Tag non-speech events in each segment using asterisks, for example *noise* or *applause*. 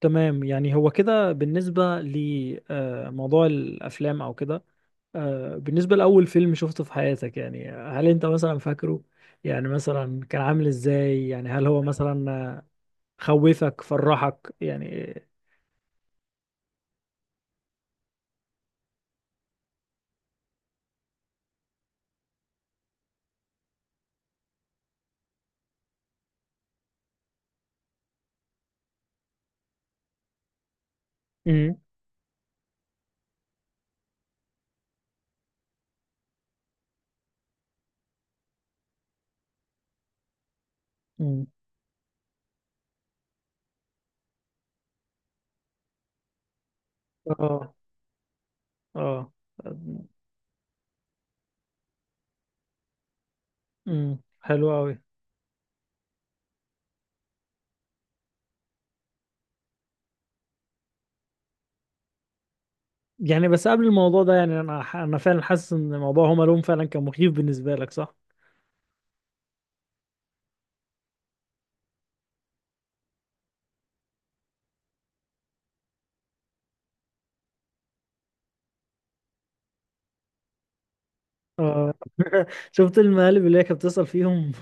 تمام، يعني هو كده بالنسبة لموضوع الأفلام أو كده. بالنسبة لأول فيلم شفته في حياتك، يعني هل أنت مثلا فاكره؟ يعني مثلا كان عامل إزاي؟ يعني هل هو مثلا، خوفك فرحك يعني؟ امم. امم. آه. آه. أمم، حلو أوي. يعني بس قبل الموضوع ده، يعني انا فعلا حاسس ان موضوع هوم الون فعلا كان مخيف بالنسبه لك، صح؟ اه. *laughs* شفت المقالب اللي هي كانت بتسأل فيهم؟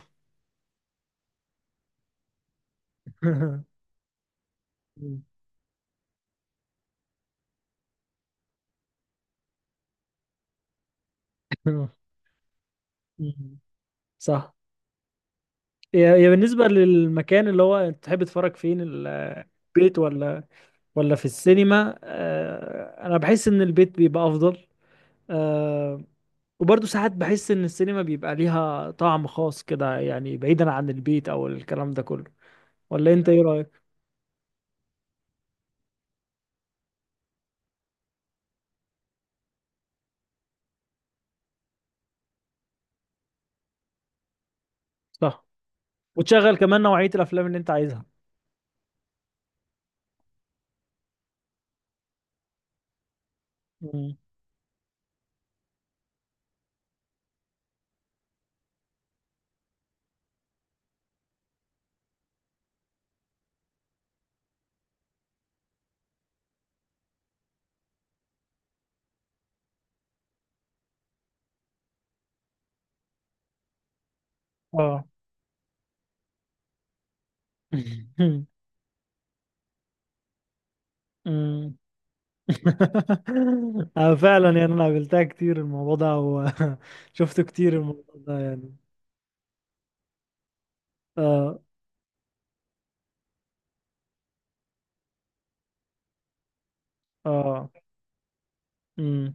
*laughs* صح. يا يا بالنسبه للمكان اللي هو، انت تحب تتفرج فين؟ البيت ولا في السينما؟ انا بحس ان البيت بيبقى افضل. آه وبرضه ساعات بحس ان السينما بيبقى ليها طعم خاص كده، يعني بعيدا عن البيت او الكلام ده كله. ولا انت ايه رأيك؟ صح. وتشغل كمان نوعية الافلام اللي انت عايزها. مم. اه. *laughs* مم. *laughs* فعلا، يعني انا قابلتها كتير الموضوع ده، وشفته *laughs* كتير الموضوع ده يعني. اه اه. مم.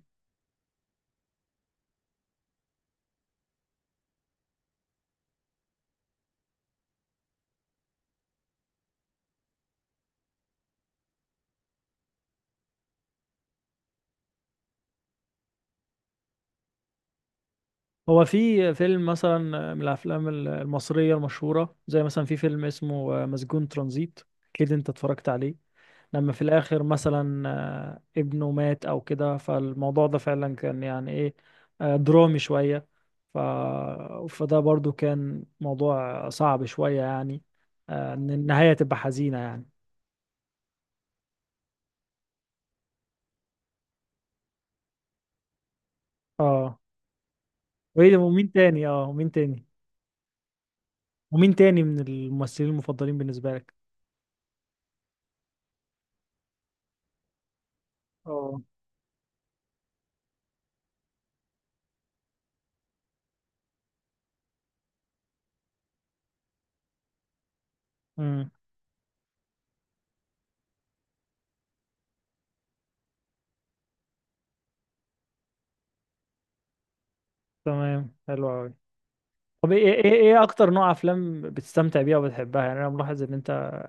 هو في فيلم مثلا من الافلام المصرية المشهورة، زي مثلا في فيلم اسمه مسجون ترانزيت. اكيد انت اتفرجت عليه. لما في الاخر مثلا ابنه مات او كده، فالموضوع ده فعلا كان يعني ايه درامي شوية. ف... فده برضو كان موضوع صعب شوية يعني، ان النهاية تبقى حزينة يعني. اه. وايه ده؟ ومين تاني اه ومين تاني ومين تاني من الممثلين المفضلين بالنسبة لك؟ اه. امم. تمام، حلو أوي. طب ايه اكتر نوع افلام بتستمتع بيها وبتحبها؟ يعني انا ملاحظ ان انت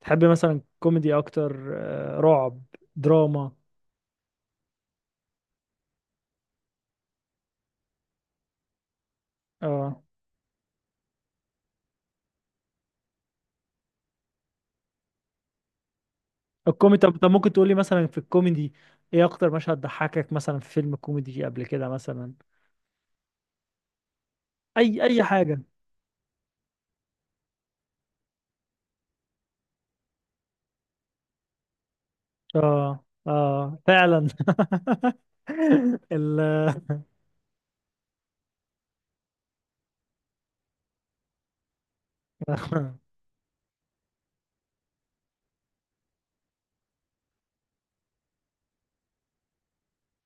تحب مثلا كوميدي اكتر رعب، دراما. اه. الكوميدي. طب ممكن تقول لي مثلا في الكوميدي، ايه اكتر مشهد ضحكك مثلا في فيلم كوميدي قبل كده مثلا؟ اي حاجة. اه اه فعلا. *laughs* ال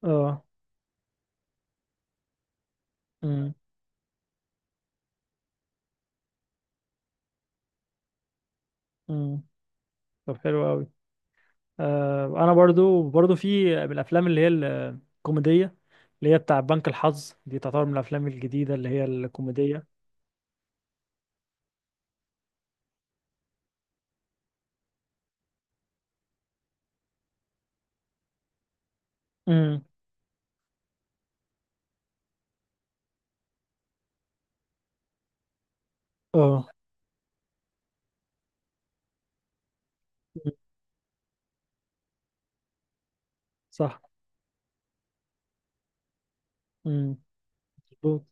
اه. أمم. أمم. طب، حلو قوي. انا برضو في من الافلام اللي هي الكوميديه، اللي هي بتاع بنك الحظ دي تعتبر من الافلام الجديده اللي هي الكوميديه. امم. اه. مم. صح. امم. مظبوط.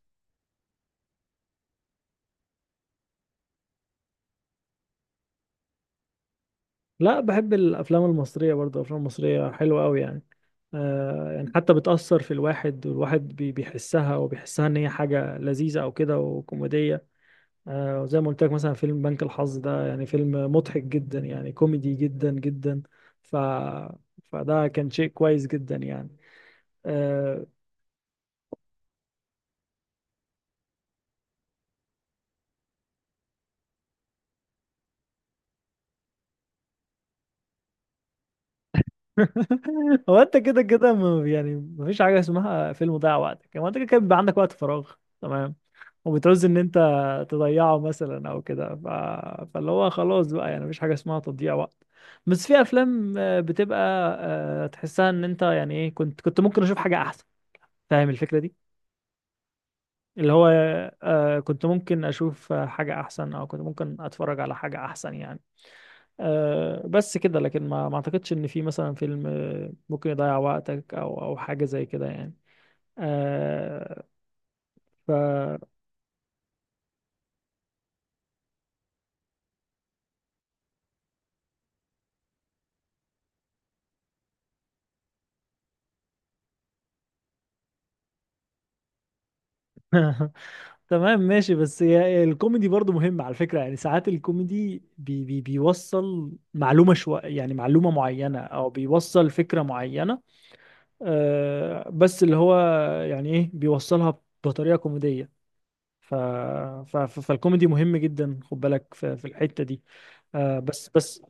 لا، بحب الافلام المصريه برضو. الافلام المصريه حلوه قوي يعني. يعني حتى بتاثر في الواحد، والواحد بيحسها وبيحسها ان هي حاجه لذيذه او كده وكوميديه. زي ما قلت لك مثلا فيلم بنك الحظ ده يعني فيلم مضحك جدا، يعني كوميدي جدا جدا. ف فده كان شيء كويس جدا يعني آه، *laughs* هو انت كده كده، يعني مفيش حاجه اسمها فيلم ضيع وقتك. هو انت كده كده بيبقى عندك وقت فراغ، تمام، وبتعوز ان انت تضيعه مثلا او كده. فاللي هو خلاص بقى، يعني مفيش حاجه اسمها تضييع وقت. بس في افلام بتبقى تحسها ان انت، يعني ايه، كنت ممكن اشوف حاجه احسن. فاهم الفكره دي؟ اللي هو كنت ممكن اشوف حاجة احسن، او كنت ممكن اتفرج على حاجة احسن يعني. آه بس كده. لكن ما اعتقدش ان في مثلا فيلم ممكن يضيع وقتك او حاجة زي كده يعني. آه ف *laughs* تمام ماشي. بس هي الكوميدي برضو مهم على فكرة، يعني ساعات الكوميدي بي بيوصل معلومة شوية، يعني معلومة معينة او بيوصل فكرة معينة. بس اللي هو، يعني ايه، بيوصلها بطريقة كوميدية. ف... فالكوميدي مهم جدا. خد بالك في الحتة دي. آه، بس.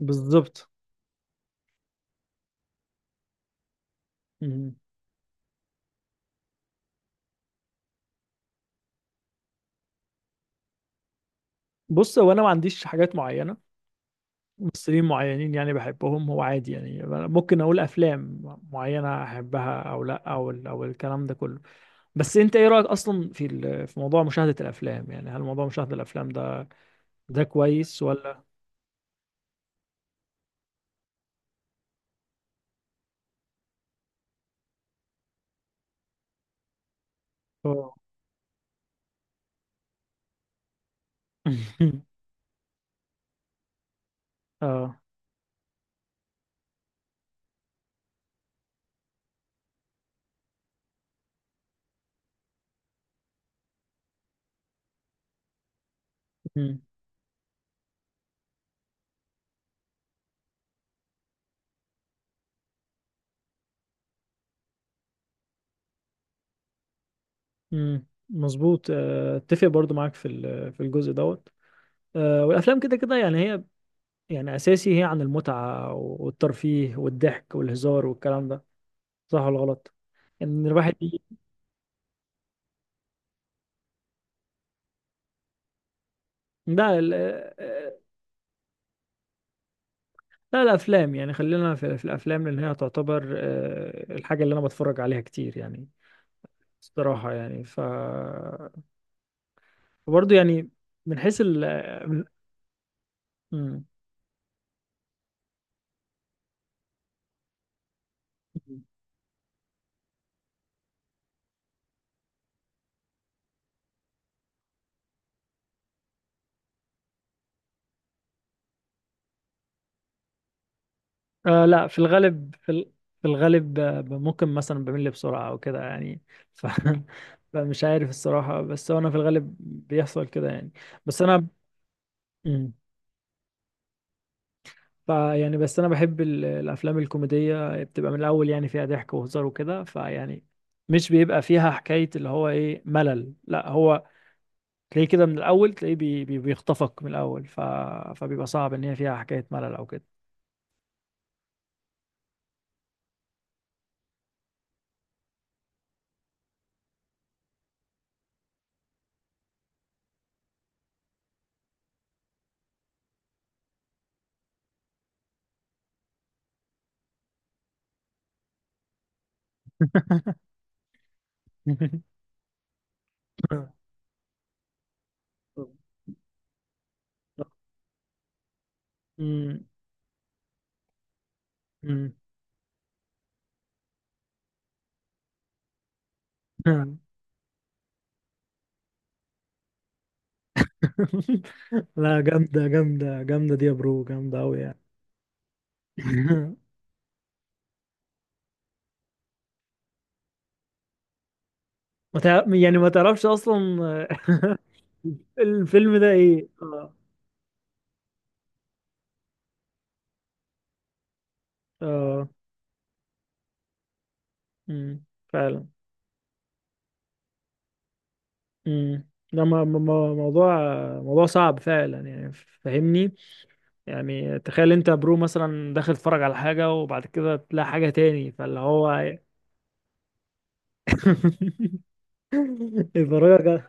بالظبط. مم. بص، هو انا ما عنديش حاجات معينة، ممثلين معينين يعني بحبهم، هو عادي. يعني أنا ممكن اقول افلام معينة احبها او لا، او الكلام ده كله. بس انت ايه رأيك اصلا في في موضوع مشاهدة الافلام؟ يعني هل موضوع مشاهدة الافلام ده كويس ولا؟ اه. *laughs* اه. مم. مم. مظبوط. اتفق برضو معاك في في الجزء دوت. والافلام كده كده يعني، هي يعني اساسي هي عن المتعه والترفيه والضحك والهزار والكلام ده. صح ولا غلط؟ ان الواحد ي- ده ال- آه، لا، الافلام يعني، خلينا في الافلام، لان هي تعتبر الحاجه اللي انا بتفرج عليها كتير يعني، الصراحه يعني. ف برضه يعني من حيث ال من... مم. لا، في الغالب في في الغالب ممكن مثلا بمل بسرعة أو كده يعني. ف... *laughs* فمش عارف الصراحة، بس هو أنا في الغالب بيحصل كده يعني. بس أنا. مم. يعني بس أنا بحب الأفلام الكوميدية بتبقى من الأول، يعني فيها ضحك وهزار وكده، فيعني مش بيبقى فيها حكاية اللي هو إيه، ملل، لا. هو تلاقيه كده من الأول، تلاقيه بيخطفك من الأول. فبيبقى صعب إن هي فيها حكاية ملل أو كده. *laughs* *laughs* مم. مم. *laughs* *laughs* لا، جامدة جامدة جامدة دي يا برو، جامدة أوي يعني. *laughs* ما تع... يعني ما تعرفش أصلا. *laughs* الفيلم ده إيه؟ اه. اه. أمم، فعلا. أمم. ده موضوع صعب فعلا يعني. فاهمني. يعني تخيل انت يا برو مثلا داخل تتفرج على حاجة وبعد كده تلاقي حاجة تاني. فاللي هو *laughs* يفرجك.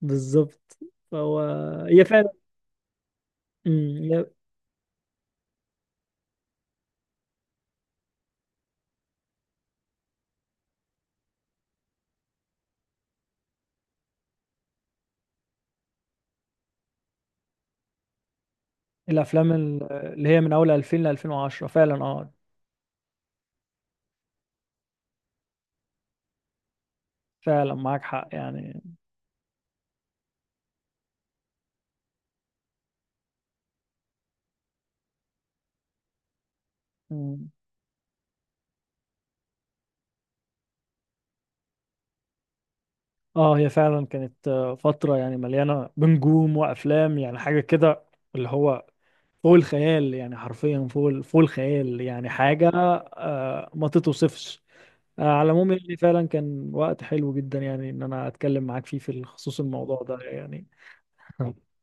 بالظبط. فهو. هي فعلا الافلام اللي هي من اول 2000 ل 2010 فعلا، اه فعلا معاك حق يعني. مم. اه، هي فعلا كانت فترة يعني مليانة بنجوم وافلام، يعني حاجة كده اللي هو فوق الخيال، يعني حرفيا فوق فوق الخيال، يعني حاجة ما تتوصفش. على العموم يعني فعلا كان وقت حلو جدا، يعني ان انا اتكلم معاك فيه في خصوص الموضوع ده يعني. *laughs*